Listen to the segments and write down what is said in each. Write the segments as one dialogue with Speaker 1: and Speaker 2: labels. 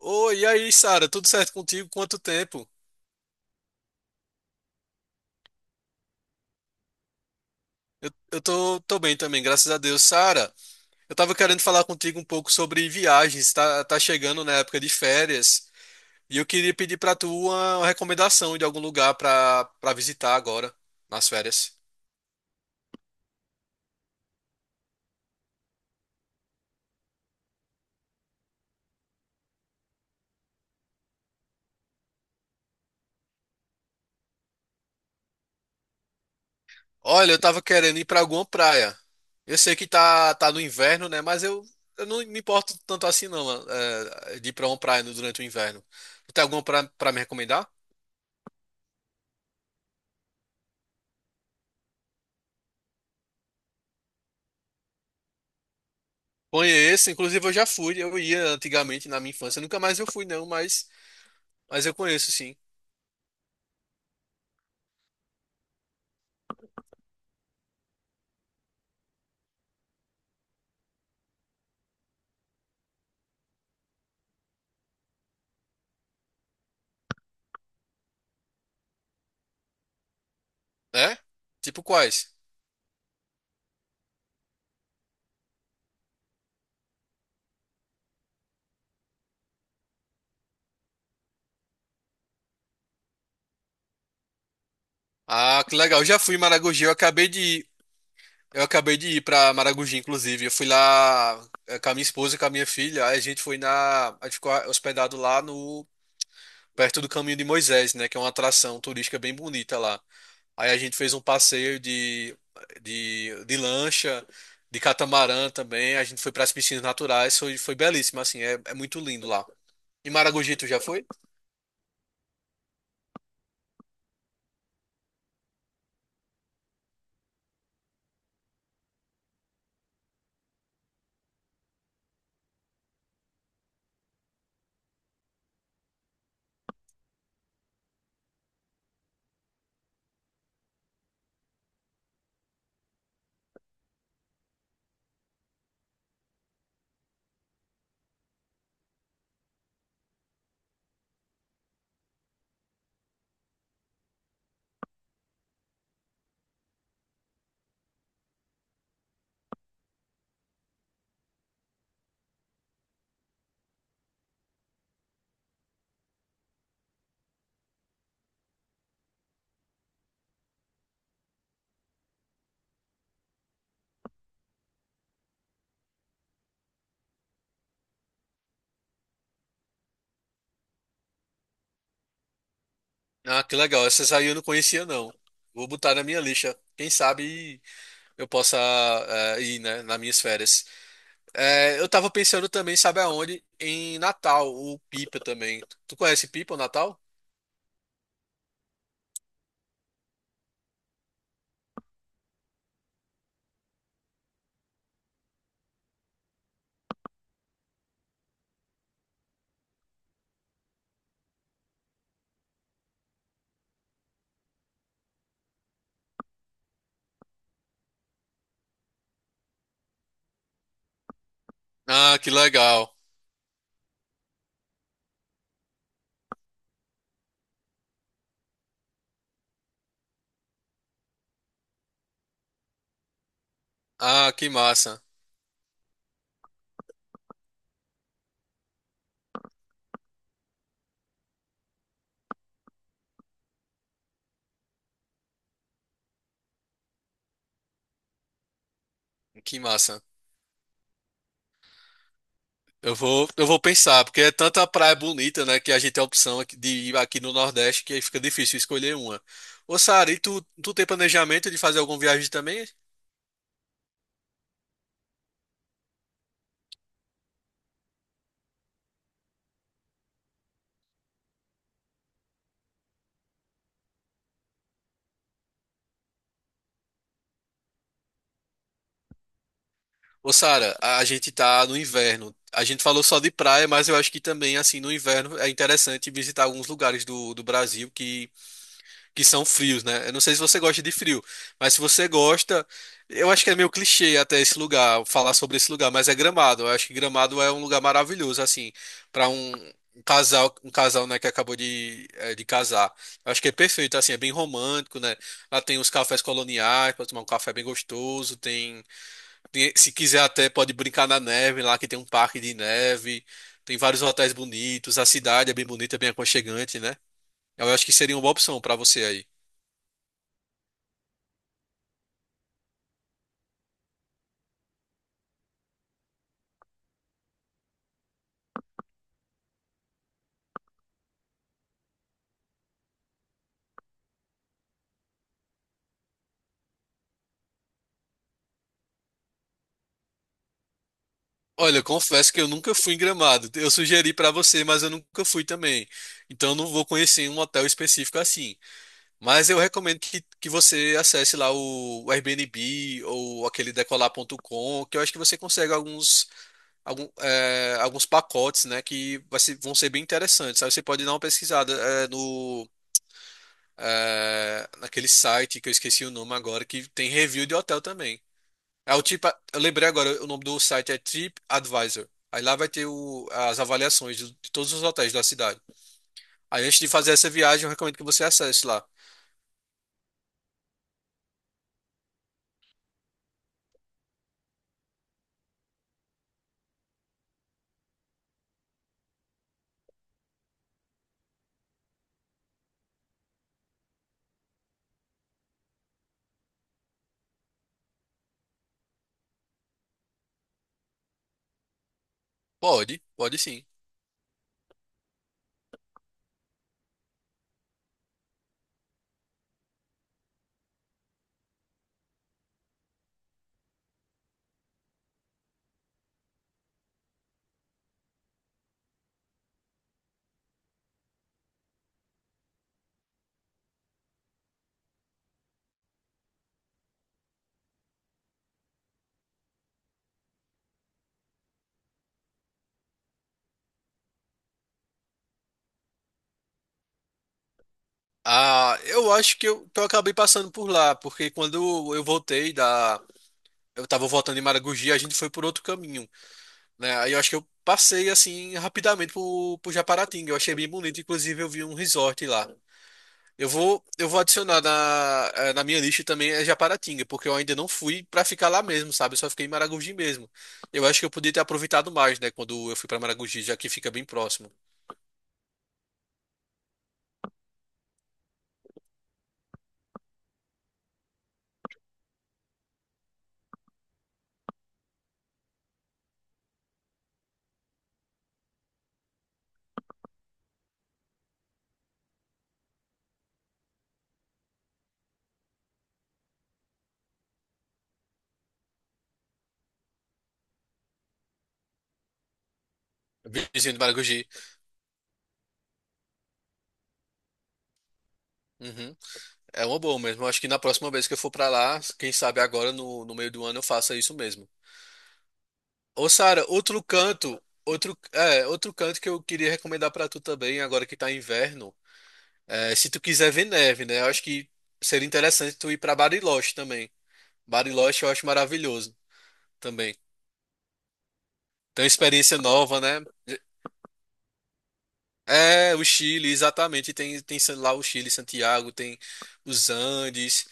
Speaker 1: Oi, e aí, Sara? Tudo certo contigo? Quanto tempo? Eu tô bem também, graças a Deus. Sara, eu tava querendo falar contigo um pouco sobre viagens. Tá chegando na época de férias e eu queria pedir pra tu uma recomendação de algum lugar pra visitar agora, nas férias. Olha, eu tava querendo ir pra alguma praia. Eu sei que tá no inverno, né? Eu não me importo tanto assim, não, de ir pra uma praia durante o inverno. Tu tem alguma pra me recomendar? Conheço, inclusive eu já fui, eu ia antigamente na minha infância, nunca mais eu fui não, mas eu conheço sim. É? Tipo quais? Ah, que legal, eu já fui em Maragogi, eu acabei de ir, eu acabei de ir pra Maragogi, inclusive, eu fui lá com a minha esposa e com a minha filha, aí a gente ficou hospedado lá no, perto do Caminho de Moisés, né, que é uma atração turística bem bonita lá. Aí a gente fez um passeio de lancha, de catamarã também. A gente foi para as piscinas naturais, foi, foi belíssimo, assim, é muito lindo lá. E Maragogi, tu já foi? Ah, que legal. Essas aí eu não conhecia, não. Vou botar na minha lista. Quem sabe eu possa ir, né, nas minhas férias. Eu tava pensando também, sabe aonde? Em Natal, o Pipa também. Tu conhece Pipa, o Natal? Ah, que legal. Ah, que massa. Que massa. Eu vou pensar, porque é tanta praia bonita, né, que a gente tem a opção aqui de ir aqui no Nordeste, que aí fica difícil escolher uma. Ô, Sara, e tu tem planejamento de fazer alguma viagem também? Ô, Sara, a gente tá no inverno. A gente falou só de praia, mas eu acho que também, assim, no inverno é interessante visitar alguns lugares do Brasil que são frios, né? Eu não sei se você gosta de frio, mas se você gosta, eu acho que é meio clichê até esse lugar, falar sobre esse lugar, mas é Gramado. Eu acho que Gramado é um lugar maravilhoso, assim, para um casal, né, que acabou de casar. Eu acho que é perfeito, assim, é bem romântico, né? Lá tem os cafés coloniais, pode tomar um café bem gostoso, se quiser até pode brincar na neve lá, que tem um parque de neve, tem vários hotéis bonitos, a cidade é bem bonita, bem aconchegante, né? Eu acho que seria uma boa opção para você aí. Olha, eu confesso que eu nunca fui em Gramado. Eu sugeri pra você, mas eu nunca fui também. Então eu não vou conhecer um hotel específico assim. Mas eu recomendo que você acesse lá o Airbnb ou aquele decolar.com, que eu acho que você consegue alguns pacotes, né, vão ser bem interessantes. Aí você pode dar uma pesquisada no naquele site que eu esqueci o nome agora, que tem review de hotel também. É o tipo, eu lembrei agora, o nome do site é TripAdvisor. Aí lá vai ter as avaliações de todos os hotéis da cidade. Aí antes de fazer essa viagem, eu recomendo que você acesse lá. Pode, pode sim. Ah, eu acho que que eu acabei passando por lá, porque quando eu voltei da. Eu tava voltando em Maragogi, a gente foi por outro caminho, né? Aí eu acho que eu passei assim rapidamente por Japaratinga. Eu achei bem bonito, inclusive eu vi um resort lá. Eu vou adicionar na minha lista também é Japaratinga, porque eu ainda não fui pra ficar lá mesmo, sabe? Eu só fiquei em Maragogi mesmo. Eu acho que eu podia ter aproveitado mais, né, quando eu fui pra Maragogi, já que fica bem próximo. Vizinho de Maragogi. Uhum. É uma boa mesmo. Eu acho que na próxima vez que eu for pra lá, quem sabe agora no meio do ano eu faça isso mesmo. Ô, Sara, outro canto, outro canto que eu queria recomendar pra tu também, agora que tá inverno, se tu quiser ver neve, né? Eu acho que seria interessante tu ir pra Bariloche também. Bariloche eu acho maravilhoso também. Tem uma experiência nova, né? É, o Chile, exatamente. Tem lá o Chile, Santiago, tem os Andes,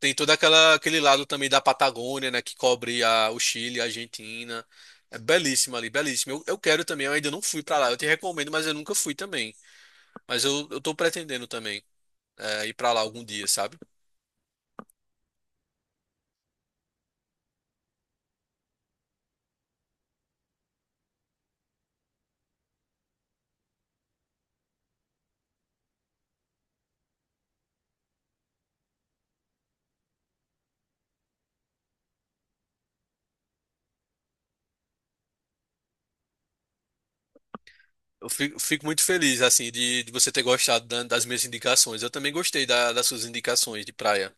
Speaker 1: tem aquele lado também da Patagônia, né? Que cobre o Chile, a Argentina. É belíssimo ali, belíssimo. Eu quero também, eu ainda não fui pra lá. Eu te recomendo, mas eu nunca fui também. Eu tô pretendendo também ir pra lá algum dia, sabe? Fico muito feliz, assim, de você ter gostado das minhas indicações. Eu também gostei das suas indicações de praia.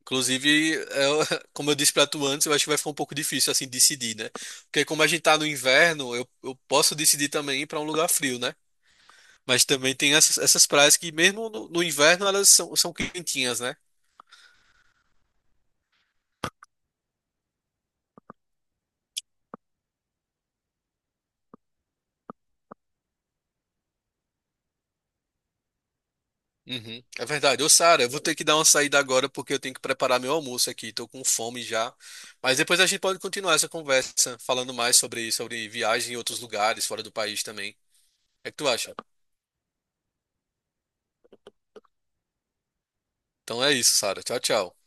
Speaker 1: Inclusive, como eu disse pra tu antes, eu acho que vai ficar um pouco difícil assim decidir, né? Porque como a gente tá no inverno, eu posso decidir também ir pra um lugar frio, né? Mas também tem essas praias que mesmo no inverno elas são, são quentinhas, né? Uhum, é verdade. Ô, Sara, eu vou ter que dar uma saída agora porque eu tenho que preparar meu almoço aqui. Tô com fome já. Mas depois a gente pode continuar essa conversa falando mais sobre sobre viagem em outros lugares, fora do país também. O que é que tu acha? Então é isso, Sara. Tchau, tchau.